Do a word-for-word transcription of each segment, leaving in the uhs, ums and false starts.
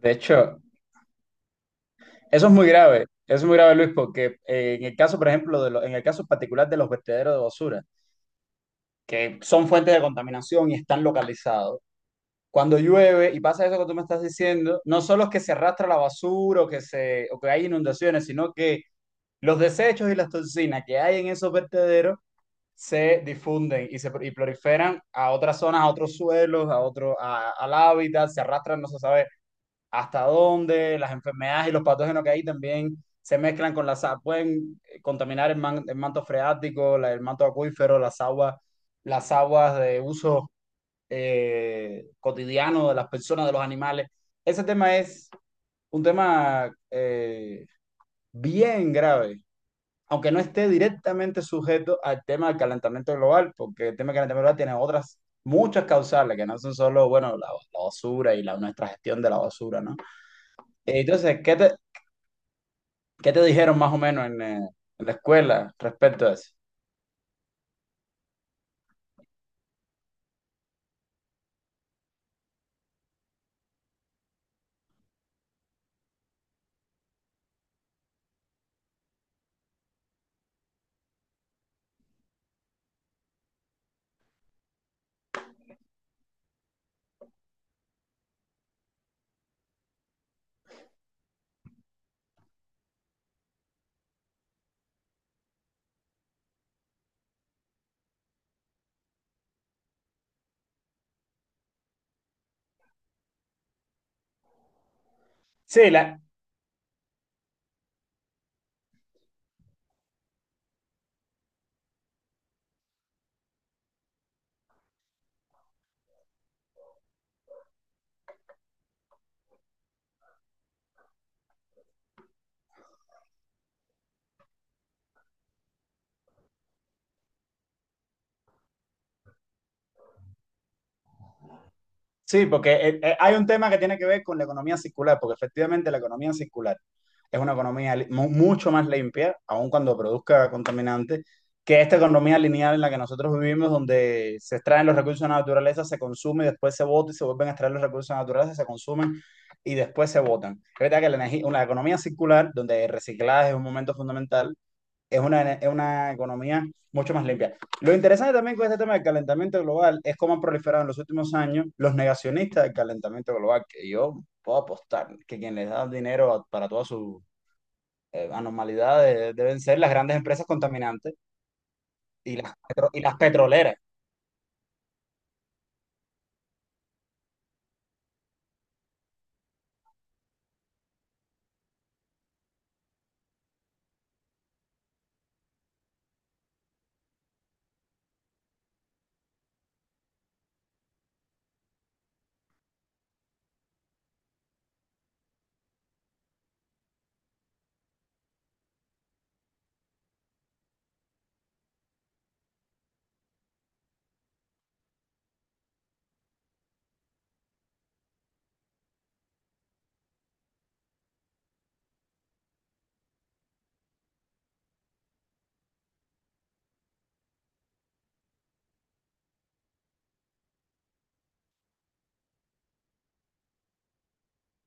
De hecho, eso es muy grave, eso es muy grave, Luis, porque eh, en el caso, por ejemplo, de lo- en el caso particular de los vertederos de basura, que son fuentes de contaminación y están localizados, cuando llueve y pasa eso que tú me estás diciendo, no solo es que se arrastra la basura o que se, o que hay inundaciones, sino que los desechos y las toxinas que hay en esos vertederos se difunden y se y proliferan a otras zonas, a otros suelos, a otro, a- al hábitat, se arrastran, no se sabe hasta dónde, las enfermedades y los patógenos que hay también se mezclan con las aguas, pueden eh, contaminar el, man- el manto freático, la- el manto acuífero, las aguas, las aguas de uso eh, cotidiano de las personas, de los animales. Ese tema es un tema eh, bien grave, aunque no esté directamente sujeto al tema del calentamiento global, porque el tema del calentamiento global tiene otras muchas causales, que no son solo, bueno, la, la basura y la, nuestra gestión de la basura, ¿no? Entonces, ¿qué te, ¿qué te dijeron más o menos en, eh, en la escuela respecto a eso? Sí, la, sí, porque eh, eh, hay un tema que tiene que ver con la economía circular, porque efectivamente la economía circular es una economía li- mu- mucho más limpia, aun cuando produzca contaminantes, que esta economía lineal en la que nosotros vivimos, donde se extraen los recursos de la naturaleza, se consume y después se bota y se vuelven a extraer los recursos de la naturaleza, se consumen y después se botan. Es verdad que la energía, una economía circular, donde el reciclaje es un momento fundamental, es una, es una economía mucho más limpia. Lo interesante también con este tema del calentamiento global es cómo han proliferado en los últimos años los negacionistas del calentamiento global, que yo puedo apostar que quien les da dinero a- para todas sus eh, anormalidades deben ser las grandes empresas contaminantes y las, petro- y las petroleras.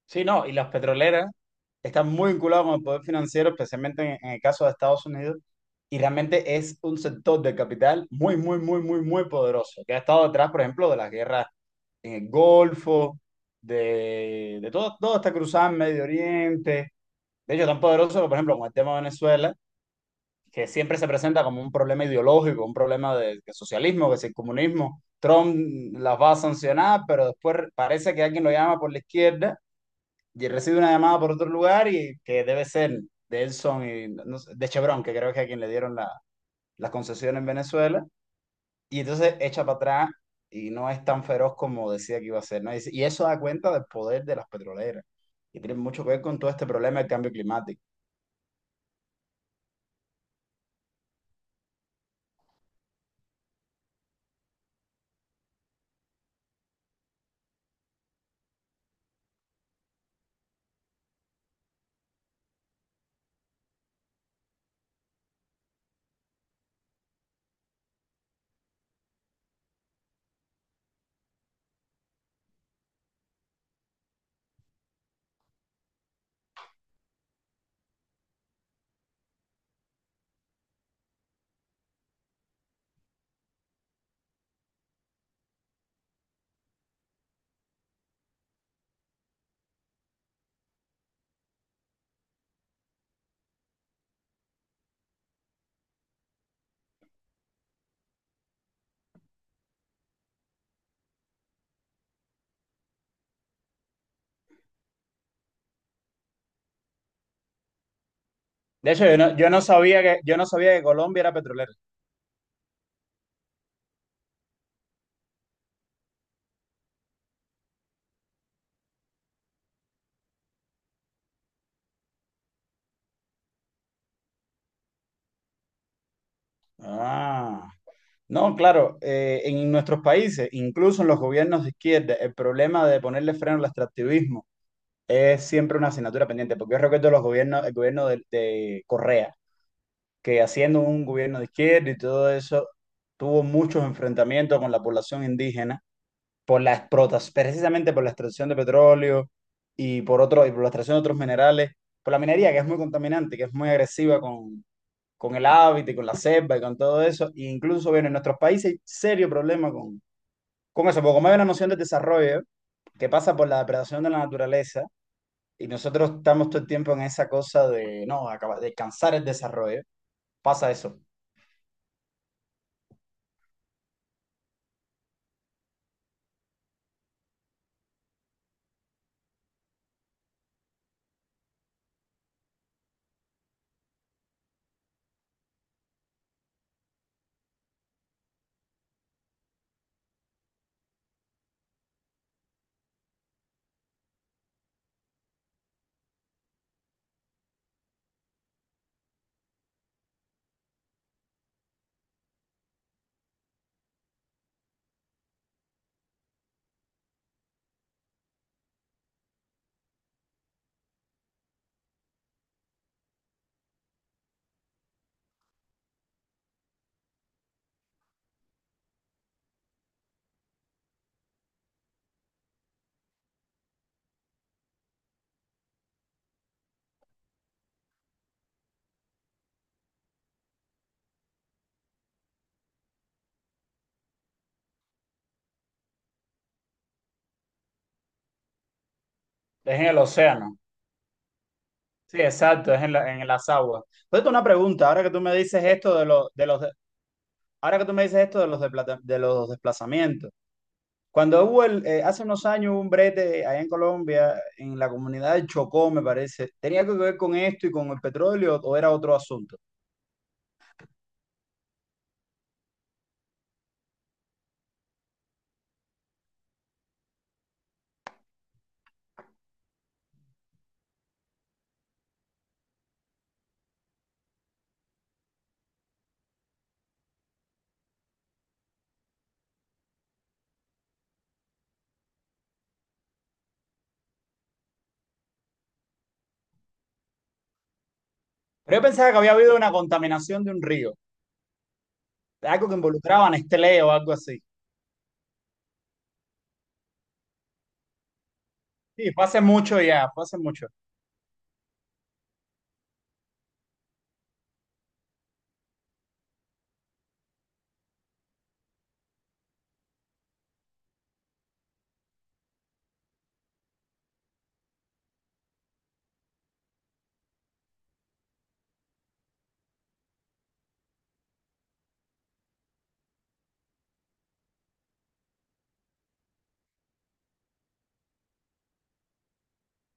Sí, no, y las petroleras están muy vinculadas con el poder financiero, especialmente en, en el caso de Estados Unidos, y realmente es un sector de capital muy, muy, muy, muy, muy poderoso, que ha estado detrás, por ejemplo, de las guerras en el Golfo, de, de todo, todo esta cruzada en Medio Oriente. De hecho, tan poderoso que, por ejemplo, con el tema de Venezuela, que siempre se presenta como un problema ideológico, un problema de, de socialismo, que si el comunismo, Trump las va a sancionar, pero después parece que alguien lo llama por la izquierda y recibe una llamada por otro lugar y que debe ser de Elson y no sé, de Chevron, que creo que es a quien le dieron la, la concesión en Venezuela, y entonces echa para atrás y no es tan feroz como decía que iba a ser, ¿no? Y, y eso da cuenta del poder de las petroleras, que tiene mucho que ver con todo este problema del cambio climático. De hecho, yo no, yo no sabía que, yo no sabía que Colombia era petrolera. Ah. No, claro, eh, en nuestros países, incluso en los gobiernos de izquierda, el problema de ponerle freno al extractivismo es siempre una asignatura pendiente, porque yo recuerdo los gobiernos, el gobierno de, de Correa, que haciendo un gobierno de izquierda y todo eso, tuvo muchos enfrentamientos con la población indígena por la explotación, precisamente por la extracción de petróleo y por otro, y por la extracción de otros minerales, por la minería que es muy contaminante, que es muy agresiva con, con el hábitat y con la selva y con todo eso, e incluso bueno en nuestros países hay serio problema con, con eso, porque como hay una noción de desarrollo que pasa por la depredación de la naturaleza, y nosotros estamos todo el tiempo en esa cosa de, no, acaba- de cansar el desarrollo. Pasa eso. Es en el océano. Sí, exacto, es en, la- en las aguas. Entonces, una pregunta, ahora que tú me dices esto de los, de los, de- ahora que tú me dices esto de los, deplata- de los desplazamientos. Cuando hubo el, eh, hace unos años hubo un brete allá en Colombia, en la comunidad del Chocó, me parece. ¿Tenía algo que ver con esto y con el petróleo o era otro asunto? Pero yo pensaba que había habido una contaminación de un río, algo que involucraba a Nestlé o algo así. Sí, fue hace mucho ya, fue hace mucho.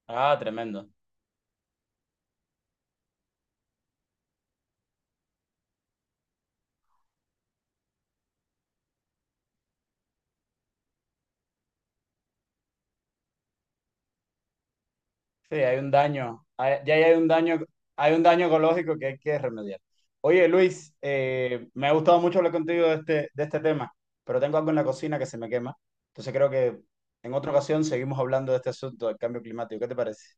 Ah, tremendo. Sí, hay un daño, hay- ya hay un daño, hay un daño ecológico que hay que remediar. Oye, Luis, eh, me ha gustado mucho hablar contigo de este, de este tema, pero tengo algo en la cocina que se me quema. Entonces creo que en otra ocasión seguimos hablando de este asunto del cambio climático. ¿Qué te parece?